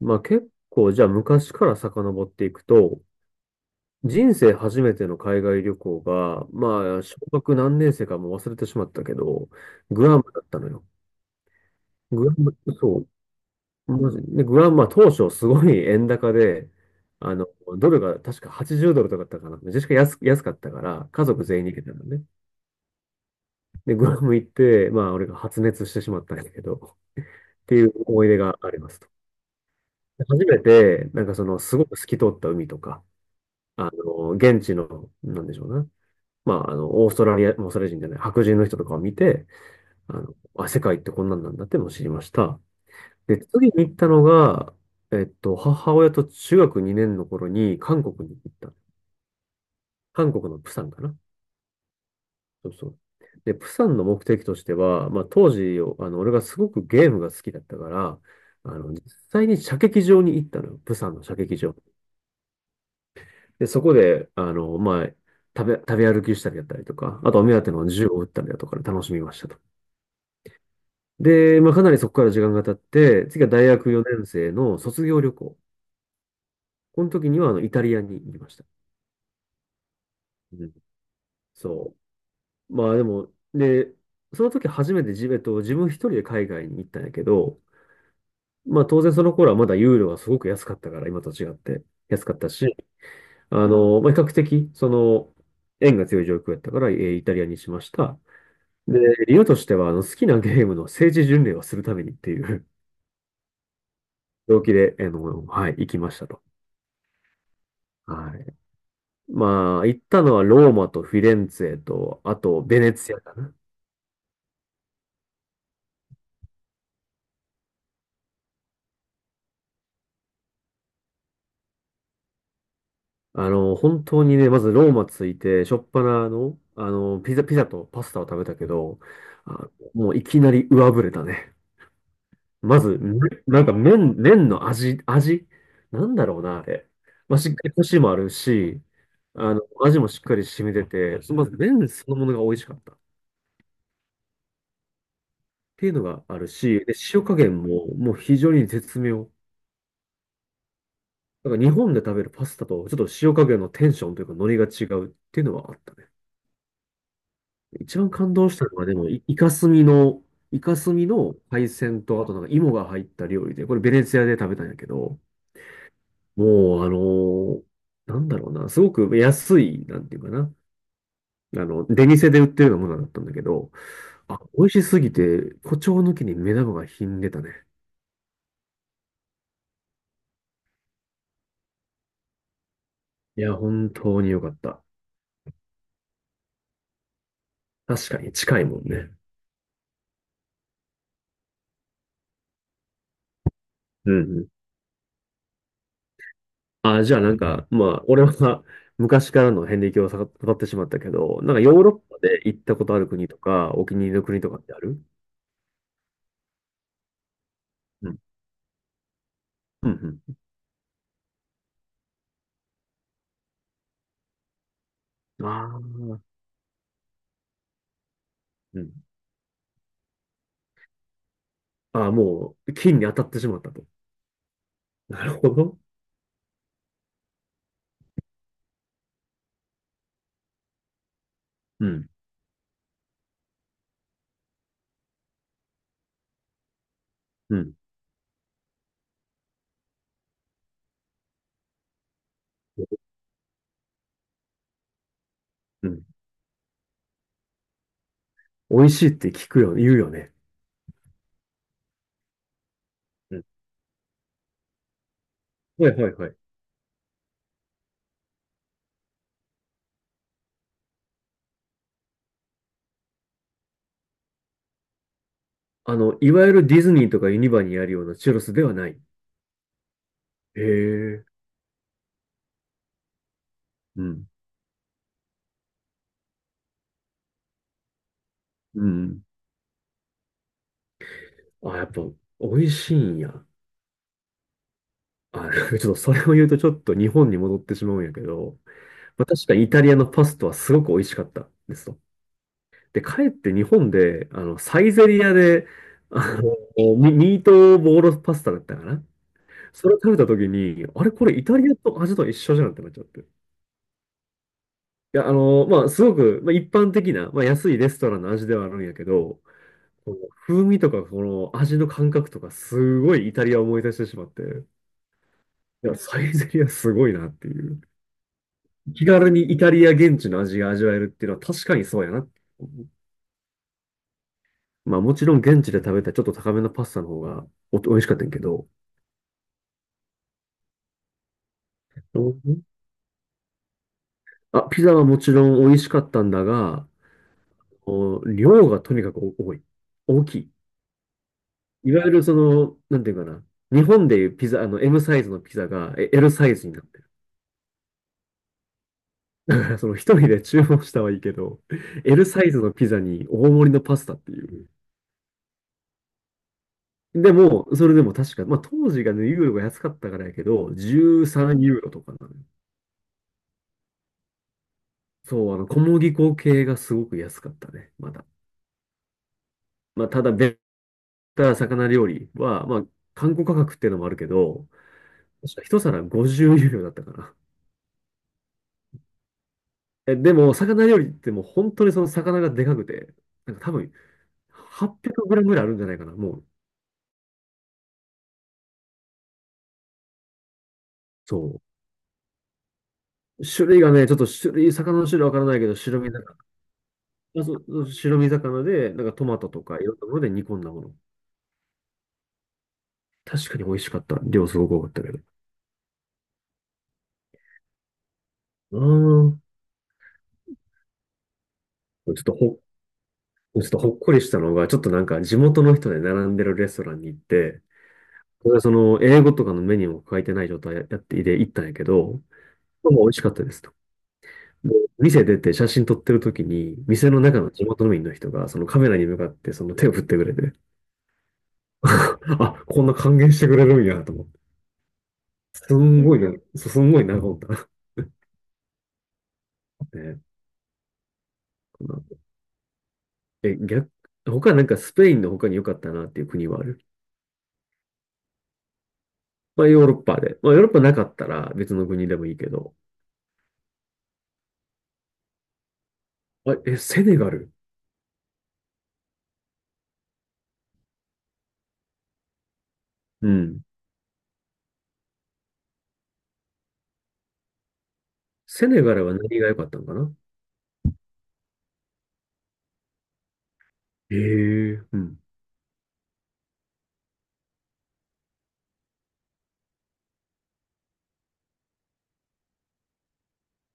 まあ結構、じゃあ昔から遡っていくと、人生初めての海外旅行が、小学何年生かもう忘れてしまったけど、グアムだったのよ。グアム、そう、マジで、グアム、まあ当初すごい 円高で、あの、ドルが確か80ドルとかだったかな。めちゃくちゃ安かったから、家族全員に行けたのね。で、グアム行って、まあ俺が発熱してしまったんだけど、っていう思い出がありますと。初めて、すごく透き通った海とか、現地の、なんでしょうね。オーストラリア、オーストラリア人じゃない、白人の人とかを見て、世界ってこんなんなんだってものを知りました。で、次に行ったのが、えっと、母親と中学2年の頃に韓国に行った。韓国のプサンかな。そうそう。で、プサンの目的としては、まあ、当時、俺がすごくゲームが好きだったから、実際に射撃場に行ったのよ。プサンの射撃場。で、そこで、食べ歩きしたりだったりとか、あとお目当ての銃を撃ったりだとかで楽しみましたと。で、まあ、かなりそこから時間が経って、次は大学4年生の卒業旅行。この時には、イタリアに行きました。うん。そう。まあ、でも、で、その時初めて自、えっと、自分一人で海外に行ったんやけど、まあ、当然その頃はまだユーロがすごく安かったから、今と違って。安かったし、比較的、円が強い状況やったから、イタリアにしました。で、理由としては、好きなゲームの政治巡礼をするためにっていう 動機で、あの、はい、行きましたと。はい。まあ、行ったのはローマとフィレンツェと、あと、ベネツィアかな。本当にね、まずローマ着いて、しょっぱなの、ピザとパスタを食べたけど、あ、もういきなり上振れたね。まず、めなんか麺の味、なんだろうな、あれ。まあ、しっかりコシもあるし、味もしっかり染みてて、まず麺そのものが美味しかったっていうのがあるし、で、塩加減ももう非常に絶妙。なんか日本で食べるパスタとちょっと塩加減のテンションというかノリが違うっていうのはあったね。一番感動したのはでも、イカスミの海鮮と、あとなんか芋が入った料理で、これベネツィアで食べたんやけど、もう、あのーなんだろうな、すごく安い、なんていうかな、出店で売ってるようなものだったんだけど、あ、美味しすぎて、誇張抜きに目玉がひんでたね。いや、本当に良かった。確かに近いもんね。うんうん。あ、じゃあなんか、まあ、俺は 昔からの遍歴をさ語ってしまったけど、なんかヨーロッパで行ったことある国とか、お気に入りの国とかってある？うん。うんうん。ああ、うん。ああ、もう、金に当たってしまったと。なるほど。うん。うん。うん。美味しいって聞くよ、言うよね。うん。はいはいはい。いわゆるディズニーとかユニバにあるようなチュロスではない。へえ。うん。うん。あ、やっぱ、美味しいんや。あ、ちょっとそれを言うとちょっと日本に戻ってしまうんやけど、まあ、確かにイタリアのパスタはすごく美味しかったですと。で、かえって日本で、サイゼリアで、あミートボールパスタだったかな。それを食べた時に、あれこれイタリアと味と一緒じゃんってなっちゃって。いや、あの、まあ、すごく、まあ、一般的な、まあ、安いレストランの味ではあるんやけど、この風味とか、この味の感覚とか、すごいイタリアを思い出してしまって、いや、サイゼリアすごいなっていう。気軽にイタリア現地の味が味わえるっていうのは確かにそうやな。まあ、もちろん現地で食べたちょっと高めのパスタの方がお美味しかったんやけど、うん。あ、ピザはもちろん美味しかったんだが、お量がとにかく多い。大きい。いわゆるその、なんていうかな。日本でいうピザ、M サイズのピザがL サイズになってる。だから、その一人で注文したはいいけど、L サイズのピザに大盛りのパスタっていう。でも、それでも確か、まあ当時がね、ユーロが安かったからやけど、13ユーロとかなのよ。そう、小麦粉系がすごく安かったね、まだ。まあただ、ベタ魚料理は、まあ、観光価格っていうのもあるけど、確か一皿50ユーロだったかな。え、でも、魚料理ってもう本当にその魚がでかくて、なんか多分800グラムぐらいあるんじゃないかな、もう。そう。種類がね、ちょっと種類、魚の種類わからないけど、白身魚。あ、そう、そう白身魚で、なんかトマトとかいろんなもので煮込んだもの。確かに美味しかった。量すごく多かったけど。うん。ちょっとほ、ちょっとほっこりしたのが、ちょっとなんか地元の人で並んでるレストランに行って、これはその英語とかのメニューも書いてない状態やってで行ったんやけど、もう美味しかったです。で店出て写真撮ってる時に、店の中の地元民の人が、そのカメラに向かってその手を振ってくれて、あ、こんな歓迎してくれるんやと思って。すんごいな、ほんと。ね、このえ、逆、他なんかスペインの他に良かったなっていう国はある？まあヨーロッパで。まあヨーロッパなかったら別の国でもいいけど。あ、え、セネガル。うん。セネガルは何が良かったのかな？ええうん。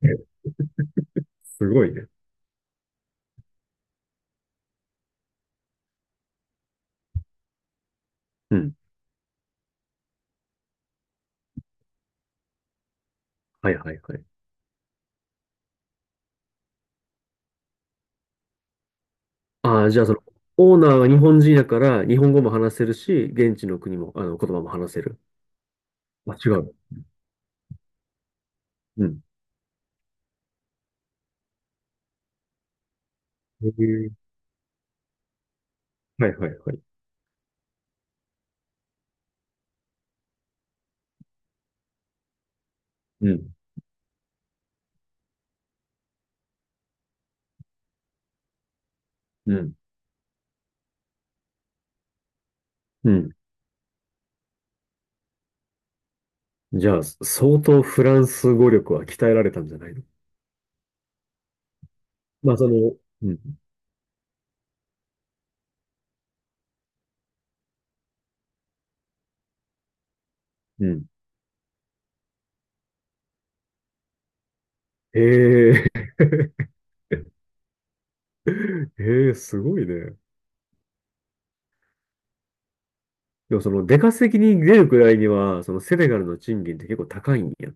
え、すごいね。うん。はいはいはい。ああ、じゃあその、オーナーは日本人やから、日本語も話せるし、現地の国も、言葉も話せる。あ、違う。うん。へえ。はいはいはい。うん。うん。うん。じゃあ、相当フランス語力は鍛えられたんじゃないの？まあ、その、うん。うん。へえ。へえ、すごいね。でもその、出稼ぎに出るくらいには、そのセネガルの賃金って結構高いんや？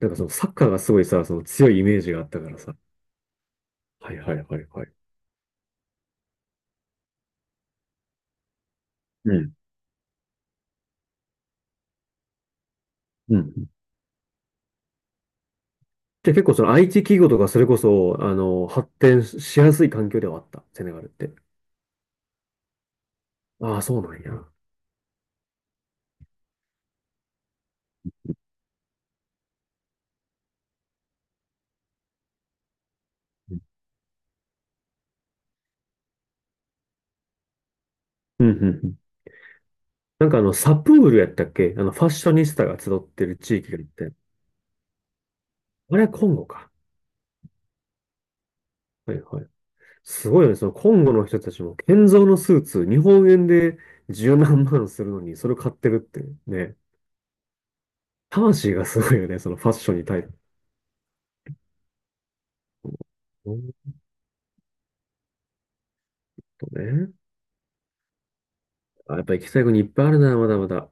なんかそのサッカーがすごいさ、その強いイメージがあったからさ。はいはいはいはい。うん。うん。じゃあ結構その IT 企業とかそれこそ、発展しやすい環境ではあった、セネガルって？ああ、そうなんや。うんうんうん。なんかあの、サプールやったっけあの、ファッショニスタが集ってる地域があって。あれはコンゴか。はいはい。すごいよね。そのコンゴの人たちも、建造のスーツ、日本円で十何万するのに、それを買ってるってね。魂がすごいよね。そのファッションに対する。ほんとね。あ、やっぱ行きたい国いっぱいあるな、まだまだ。